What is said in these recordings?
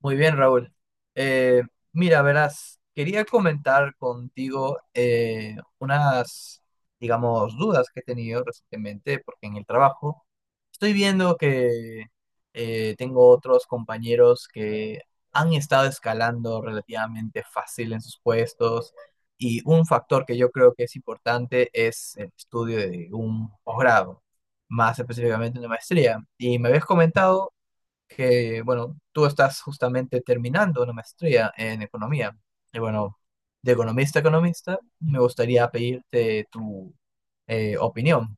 Muy bien, Raúl. Eh, Mira, verás, quería comentar contigo unas, digamos, dudas que he tenido recientemente, porque en el trabajo estoy viendo que tengo otros compañeros que han estado escalando relativamente fácil en sus puestos y un factor que yo creo que es importante es el estudio de un posgrado, más específicamente una maestría. Y me habías comentado que, bueno, tú estás justamente terminando una maestría en economía. Y bueno, de economista a economista, me gustaría pedirte tu opinión.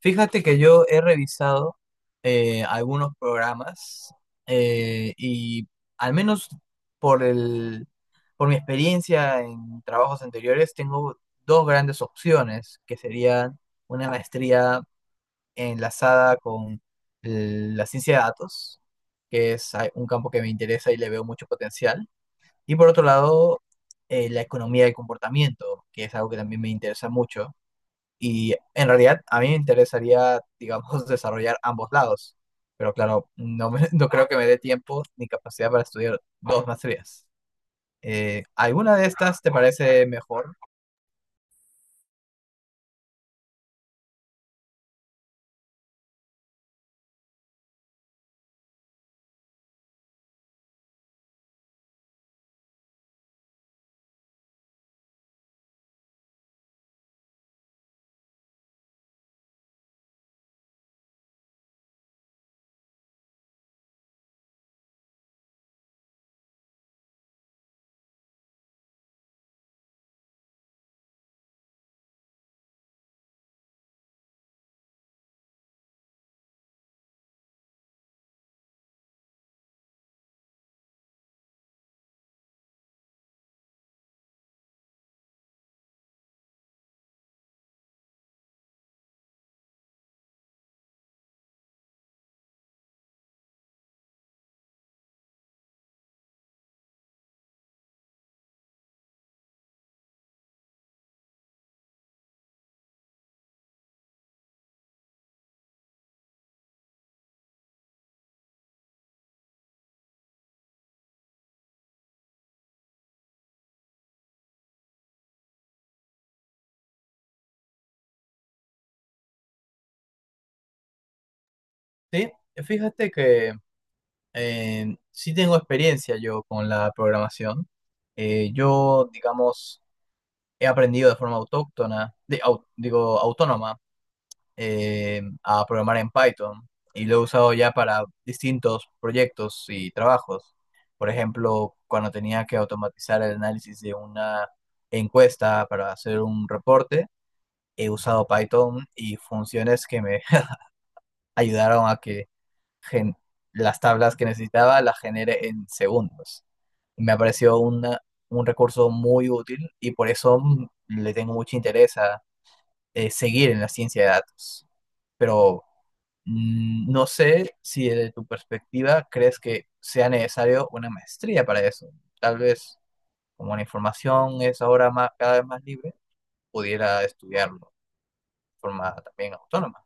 Fíjate que yo he revisado algunos programas y al menos por el, por mi experiencia en trabajos anteriores, tengo dos grandes opciones, que serían una maestría enlazada con la ciencia de datos, que es un campo que me interesa y le veo mucho potencial. Y por otro lado, la economía del comportamiento, que es algo que también me interesa mucho. Y en realidad a mí me interesaría, digamos, desarrollar ambos lados. Pero claro, no, no creo que me dé tiempo ni capacidad para estudiar dos maestrías. ¿Alguna de estas te parece mejor? Sí, fíjate que, sí tengo experiencia yo con la programación. Yo, digamos, he aprendido de forma autóctona, digo, autónoma, a programar en Python y lo he usado ya para distintos proyectos y trabajos. Por ejemplo, cuando tenía que automatizar el análisis de una encuesta para hacer un reporte, he usado Python y funciones que me ayudaron a que gen- las tablas que necesitaba las genere en segundos. Me ha parecido un recurso muy útil y por eso le tengo mucho interés a seguir en la ciencia de datos. Pero no sé si desde tu perspectiva crees que sea necesario una maestría para eso. Tal vez como la información es ahora más, cada vez más libre, pudiera estudiarlo de forma también autónoma.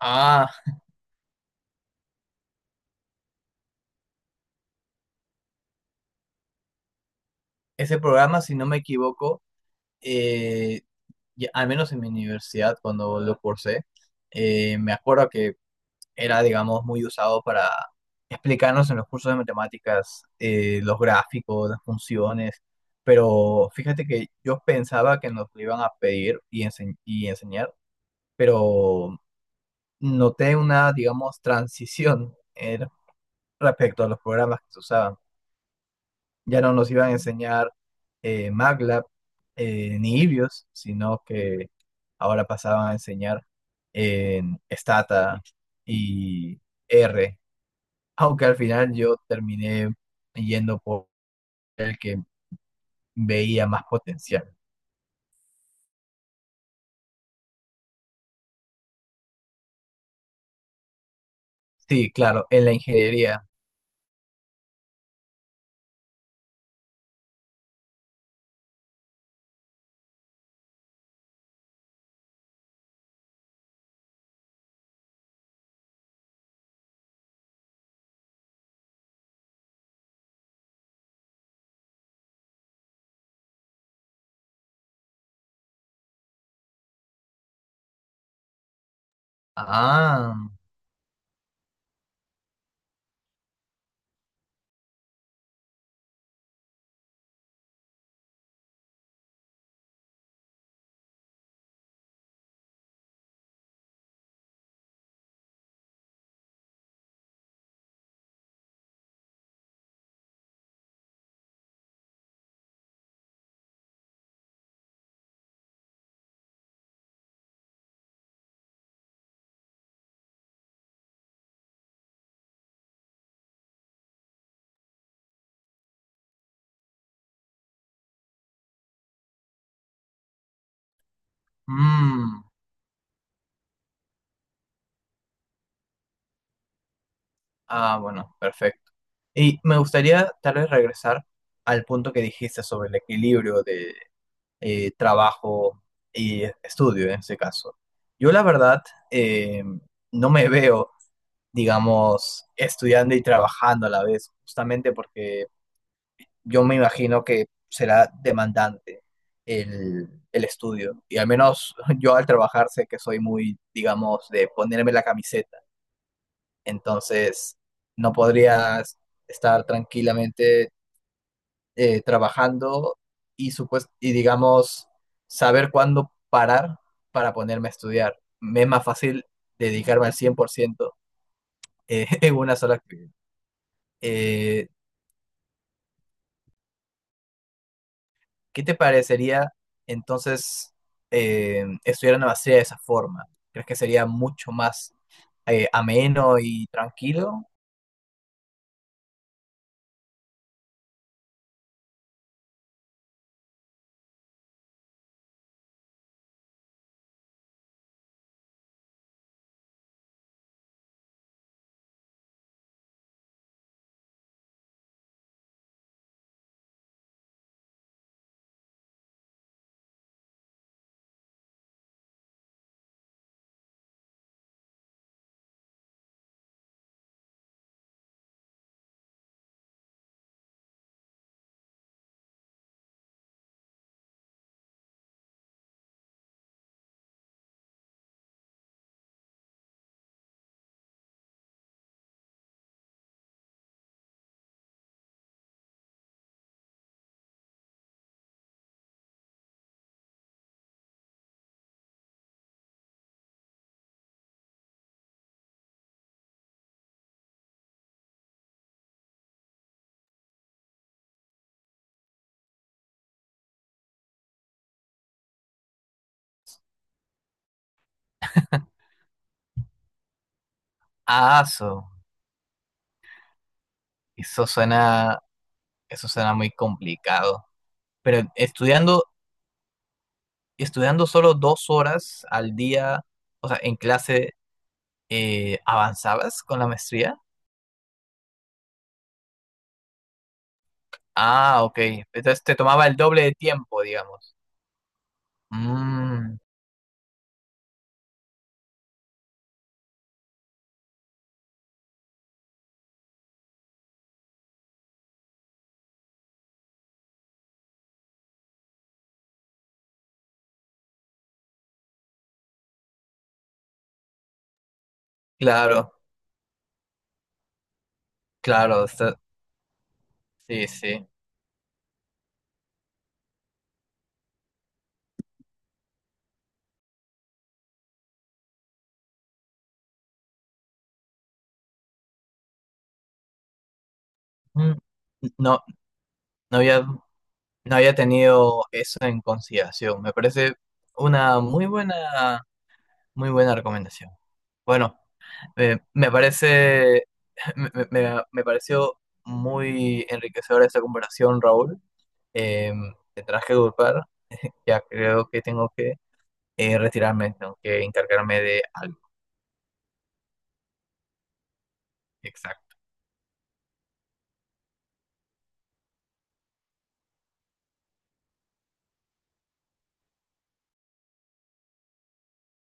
Ah, ese programa, si no me equivoco, eh, al menos en mi universidad cuando lo cursé, me acuerdo que era, digamos, muy usado para explicarnos en los cursos de matemáticas los gráficos, las funciones, pero fíjate que yo pensaba que nos lo iban a pedir y, y enseñar, pero noté una, digamos, transición respecto a los programas que se usaban. Ya no nos iban a enseñar MATLAB ni Ibios, sino que ahora pasaban a enseñar en Stata y R, aunque al final yo terminé yendo por el que veía más potencial. Sí, claro, en la ingeniería. Ah, mm, bueno, perfecto. Y me gustaría tal vez regresar al punto que dijiste sobre el equilibrio de trabajo y estudio en ese caso. Yo la verdad eh, no me veo, digamos, estudiando y trabajando a la vez, justamente porque yo me imagino que será demandante el estudio. Y al menos yo al trabajar sé que soy muy, digamos, de ponerme la camiseta. Entonces, no podrías estar tranquilamente trabajando y, digamos, saber cuándo parar para ponerme a estudiar. Me es más fácil dedicarme al 100% en una sola actividad. Eh, ¿Qué te parecería entonces estudiar en la maestría de esa forma? ¿Crees que sería mucho más ameno y tranquilo? Ah, eso, eso suena, eso suena muy complicado. Pero estudiando, estudiando solo 2 horas al día, o sea, en clase, ¿avanzabas con la maestría? Ah, ok. Entonces te tomaba el doble de tiempo, digamos. Mm, claro, claro, está- sí, sí. Mm, No, No había, no había tenido eso en consideración. Me parece una muy buena recomendación. Bueno, me parece, me, me- me pareció muy enriquecedora esta comparación, Raúl. Eh, Tendrás que disculpar, ya creo que tengo que retirarme, tengo que encargarme de algo. Exacto.